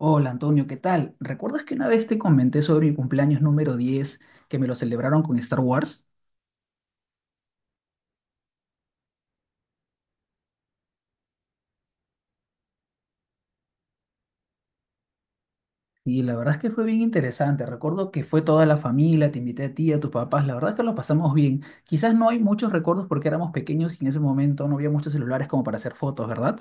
Hola Antonio, ¿qué tal? ¿Recuerdas que una vez te comenté sobre mi cumpleaños número 10, que me lo celebraron con Star Wars? Y la verdad es que fue bien interesante. Recuerdo que fue toda la familia, te invité a ti, a tus papás. La verdad es que lo pasamos bien. Quizás no hay muchos recuerdos porque éramos pequeños y en ese momento no había muchos celulares como para hacer fotos, ¿verdad?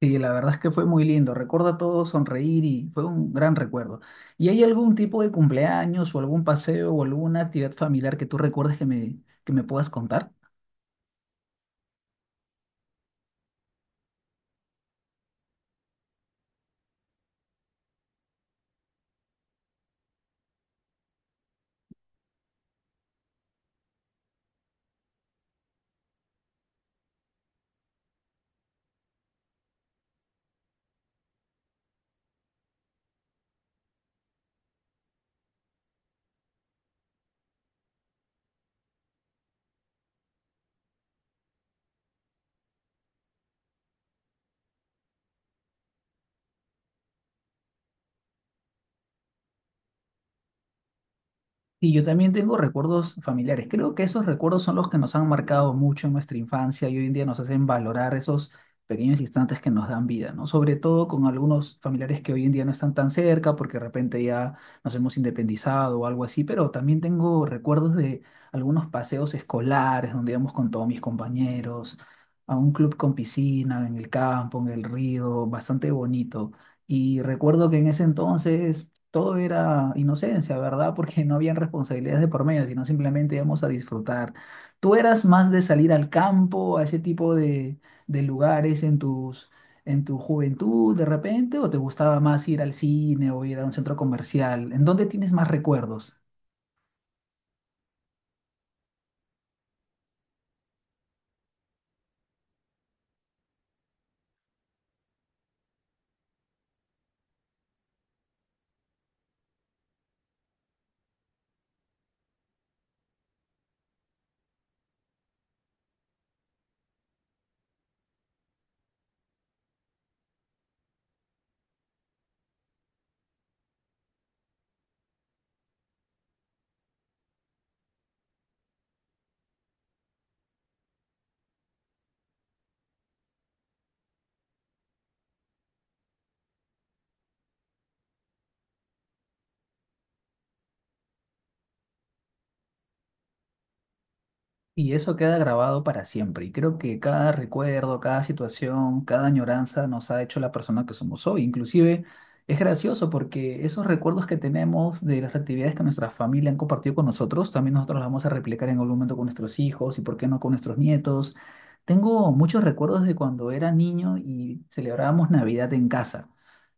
Sí, la verdad es que fue muy lindo. Recuerdo a todos sonreír y fue un gran recuerdo. ¿Y hay algún tipo de cumpleaños o algún paseo o alguna actividad familiar que tú recuerdes que me puedas contar? Y yo también tengo recuerdos familiares. Creo que esos recuerdos son los que nos han marcado mucho en nuestra infancia y hoy en día nos hacen valorar esos pequeños instantes que nos dan vida, ¿no? Sobre todo con algunos familiares que hoy en día no están tan cerca porque de repente ya nos hemos independizado o algo así, pero también tengo recuerdos de algunos paseos escolares donde íbamos con todos mis compañeros a un club con piscina, en el campo, en el río, bastante bonito. Y recuerdo que en ese entonces todo era inocencia, ¿verdad? Porque no habían responsabilidades de por medio, sino simplemente íbamos a disfrutar. ¿Tú eras más de salir al campo, a ese tipo de lugares en en tu juventud de repente, o te gustaba más ir al cine o ir a un centro comercial? ¿En dónde tienes más recuerdos? Y eso queda grabado para siempre. Y creo que cada recuerdo, cada situación, cada añoranza nos ha hecho la persona que somos hoy. Inclusive es gracioso porque esos recuerdos que tenemos de las actividades que nuestra familia han compartido con nosotros, también nosotros las vamos a replicar en algún momento con nuestros hijos y por qué no con nuestros nietos. Tengo muchos recuerdos de cuando era niño y celebrábamos Navidad en casa.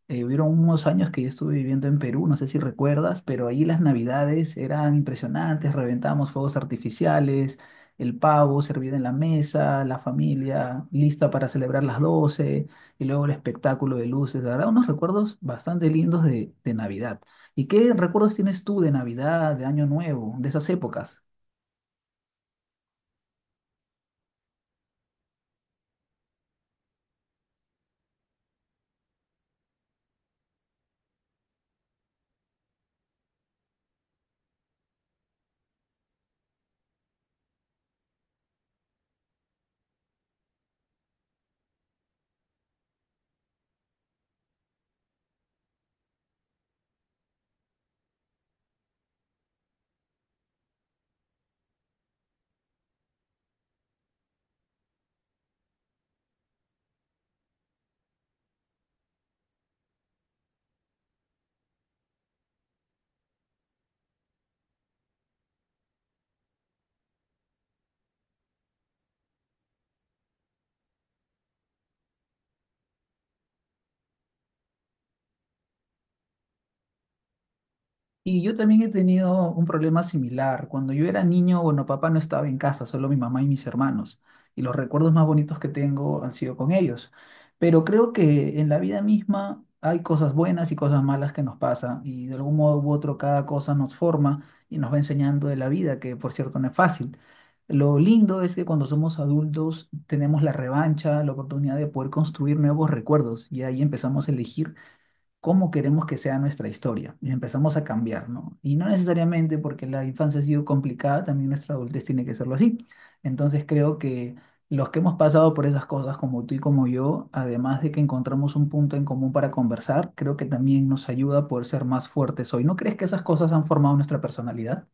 Hubieron unos años que yo estuve viviendo en Perú, no sé si recuerdas, pero ahí las navidades eran impresionantes, reventábamos fuegos artificiales, el pavo servido en la mesa, la familia lista para celebrar las 12 y luego el espectáculo de luces, la verdad, unos recuerdos bastante lindos de Navidad. ¿Y qué recuerdos tienes tú de Navidad, de Año Nuevo, de esas épocas? Y yo también he tenido un problema similar. Cuando yo era niño, bueno, papá no estaba en casa, solo mi mamá y mis hermanos. Y los recuerdos más bonitos que tengo han sido con ellos. Pero creo que en la vida misma hay cosas buenas y cosas malas que nos pasan. Y de algún modo u otro cada cosa nos forma y nos va enseñando de la vida, que por cierto no es fácil. Lo lindo es que cuando somos adultos tenemos la revancha, la oportunidad de poder construir nuevos recuerdos. Y ahí empezamos a elegir cómo queremos que sea nuestra historia y empezamos a cambiar, ¿no? Y no necesariamente porque la infancia ha sido complicada, también nuestra adultez tiene que serlo así. Entonces creo que los que hemos pasado por esas cosas, como tú y como yo, además de que encontramos un punto en común para conversar, creo que también nos ayuda a poder ser más fuertes hoy. ¿No crees que esas cosas han formado nuestra personalidad?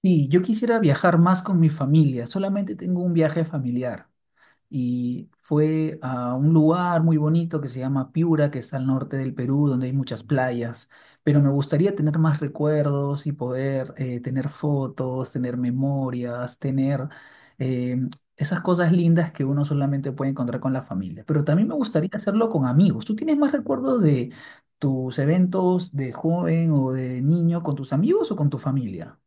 Sí, yo quisiera viajar más con mi familia, solamente tengo un viaje familiar. Y fue a un lugar muy bonito que se llama Piura, que está al norte del Perú, donde hay muchas playas, pero me gustaría tener más recuerdos y poder tener fotos, tener memorias, tener eh, esas cosas lindas que uno solamente puede encontrar con la familia. Pero también me gustaría hacerlo con amigos. ¿Tú tienes más recuerdos de tus eventos de joven o de niño con tus amigos o con tu familia?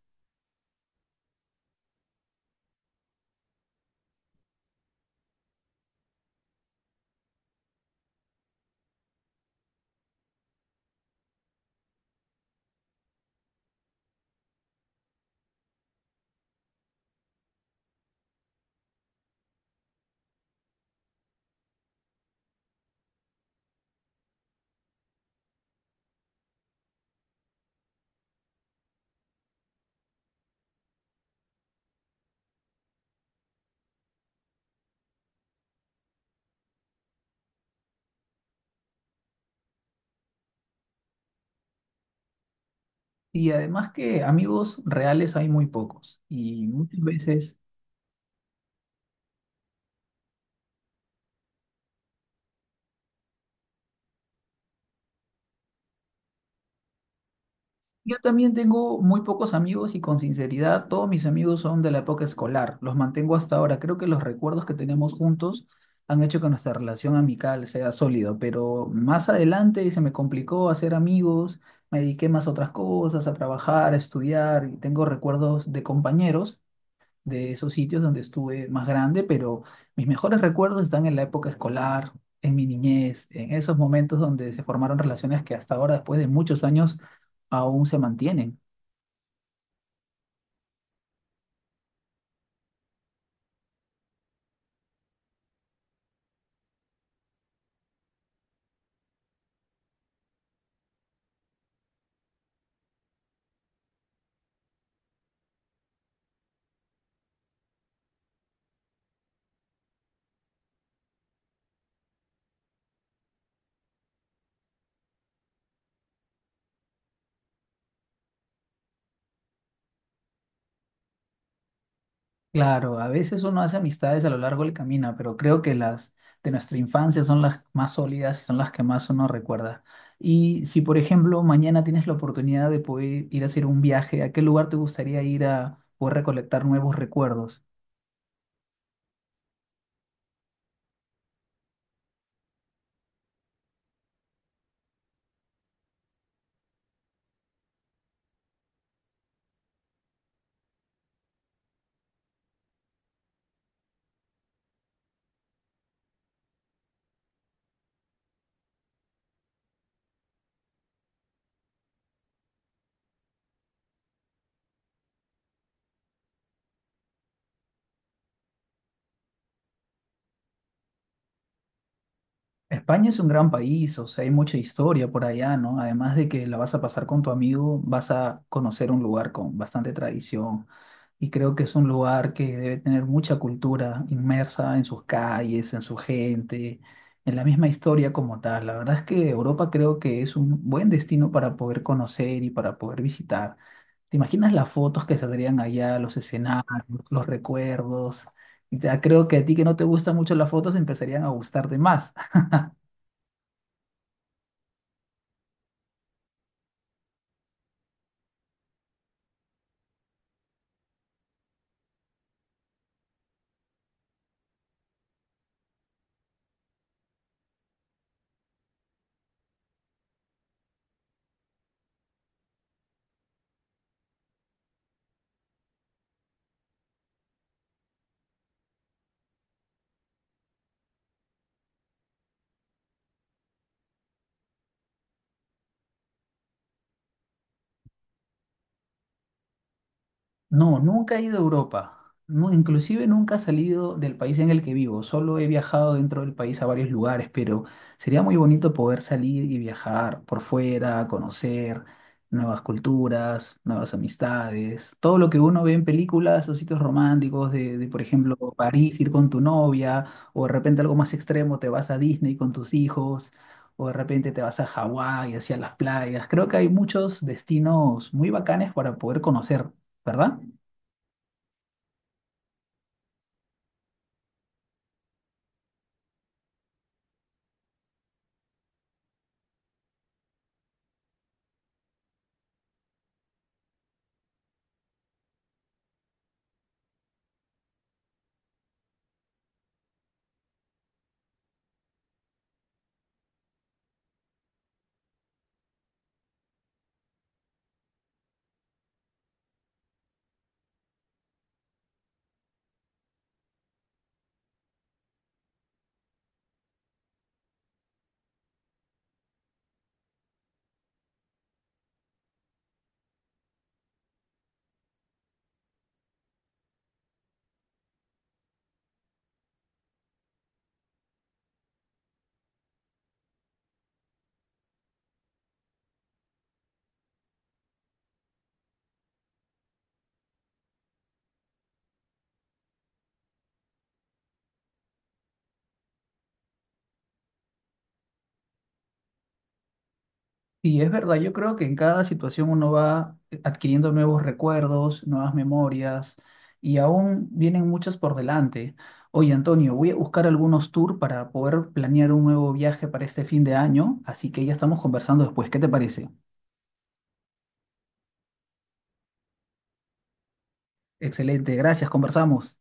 Y además que amigos reales hay muy pocos y muchas veces yo también tengo muy pocos amigos y con sinceridad, todos mis amigos son de la época escolar, los mantengo hasta ahora. Creo que los recuerdos que tenemos juntos han hecho que nuestra relación amical sea sólida, pero más adelante se me complicó hacer amigos, me dediqué más a otras cosas, a trabajar, a estudiar y tengo recuerdos de compañeros de esos sitios donde estuve más grande, pero mis mejores recuerdos están en la época escolar, en mi niñez, en esos momentos donde se formaron relaciones que hasta ahora, después de muchos años, aún se mantienen. Claro, a veces uno hace amistades a lo largo del camino, pero creo que las de nuestra infancia son las más sólidas y son las que más uno recuerda. Y si, por ejemplo, mañana tienes la oportunidad de poder ir a hacer un viaje, ¿a qué lugar te gustaría ir a poder recolectar nuevos recuerdos? España es un gran país, o sea, hay mucha historia por allá, ¿no? Además de que la vas a pasar con tu amigo, vas a conocer un lugar con bastante tradición y creo que es un lugar que debe tener mucha cultura inmersa en sus calles, en su gente, en la misma historia como tal. La verdad es que Europa creo que es un buen destino para poder conocer y para poder visitar. ¿Te imaginas las fotos que saldrían allá, los escenarios, los recuerdos? Y creo que a ti que no te gustan mucho las fotos empezarían a gustarte más. No, nunca he ido a Europa. No, inclusive nunca he salido del país en el que vivo. Solo he viajado dentro del país a varios lugares, pero sería muy bonito poder salir y viajar por fuera, conocer nuevas culturas, nuevas amistades, todo lo que uno ve en películas o sitios románticos por ejemplo, París, ir con tu novia, o de repente algo más extremo, te vas a Disney con tus hijos, o de repente te vas a Hawái, hacia las playas. Creo que hay muchos destinos muy bacanes para poder conocer, ¿verdad? Y es verdad, yo creo que en cada situación uno va adquiriendo nuevos recuerdos, nuevas memorias y aún vienen muchas por delante. Oye, Antonio, voy a buscar algunos tours para poder planear un nuevo viaje para este fin de año, así que ya estamos conversando después. ¿Qué te parece? Excelente, gracias, conversamos.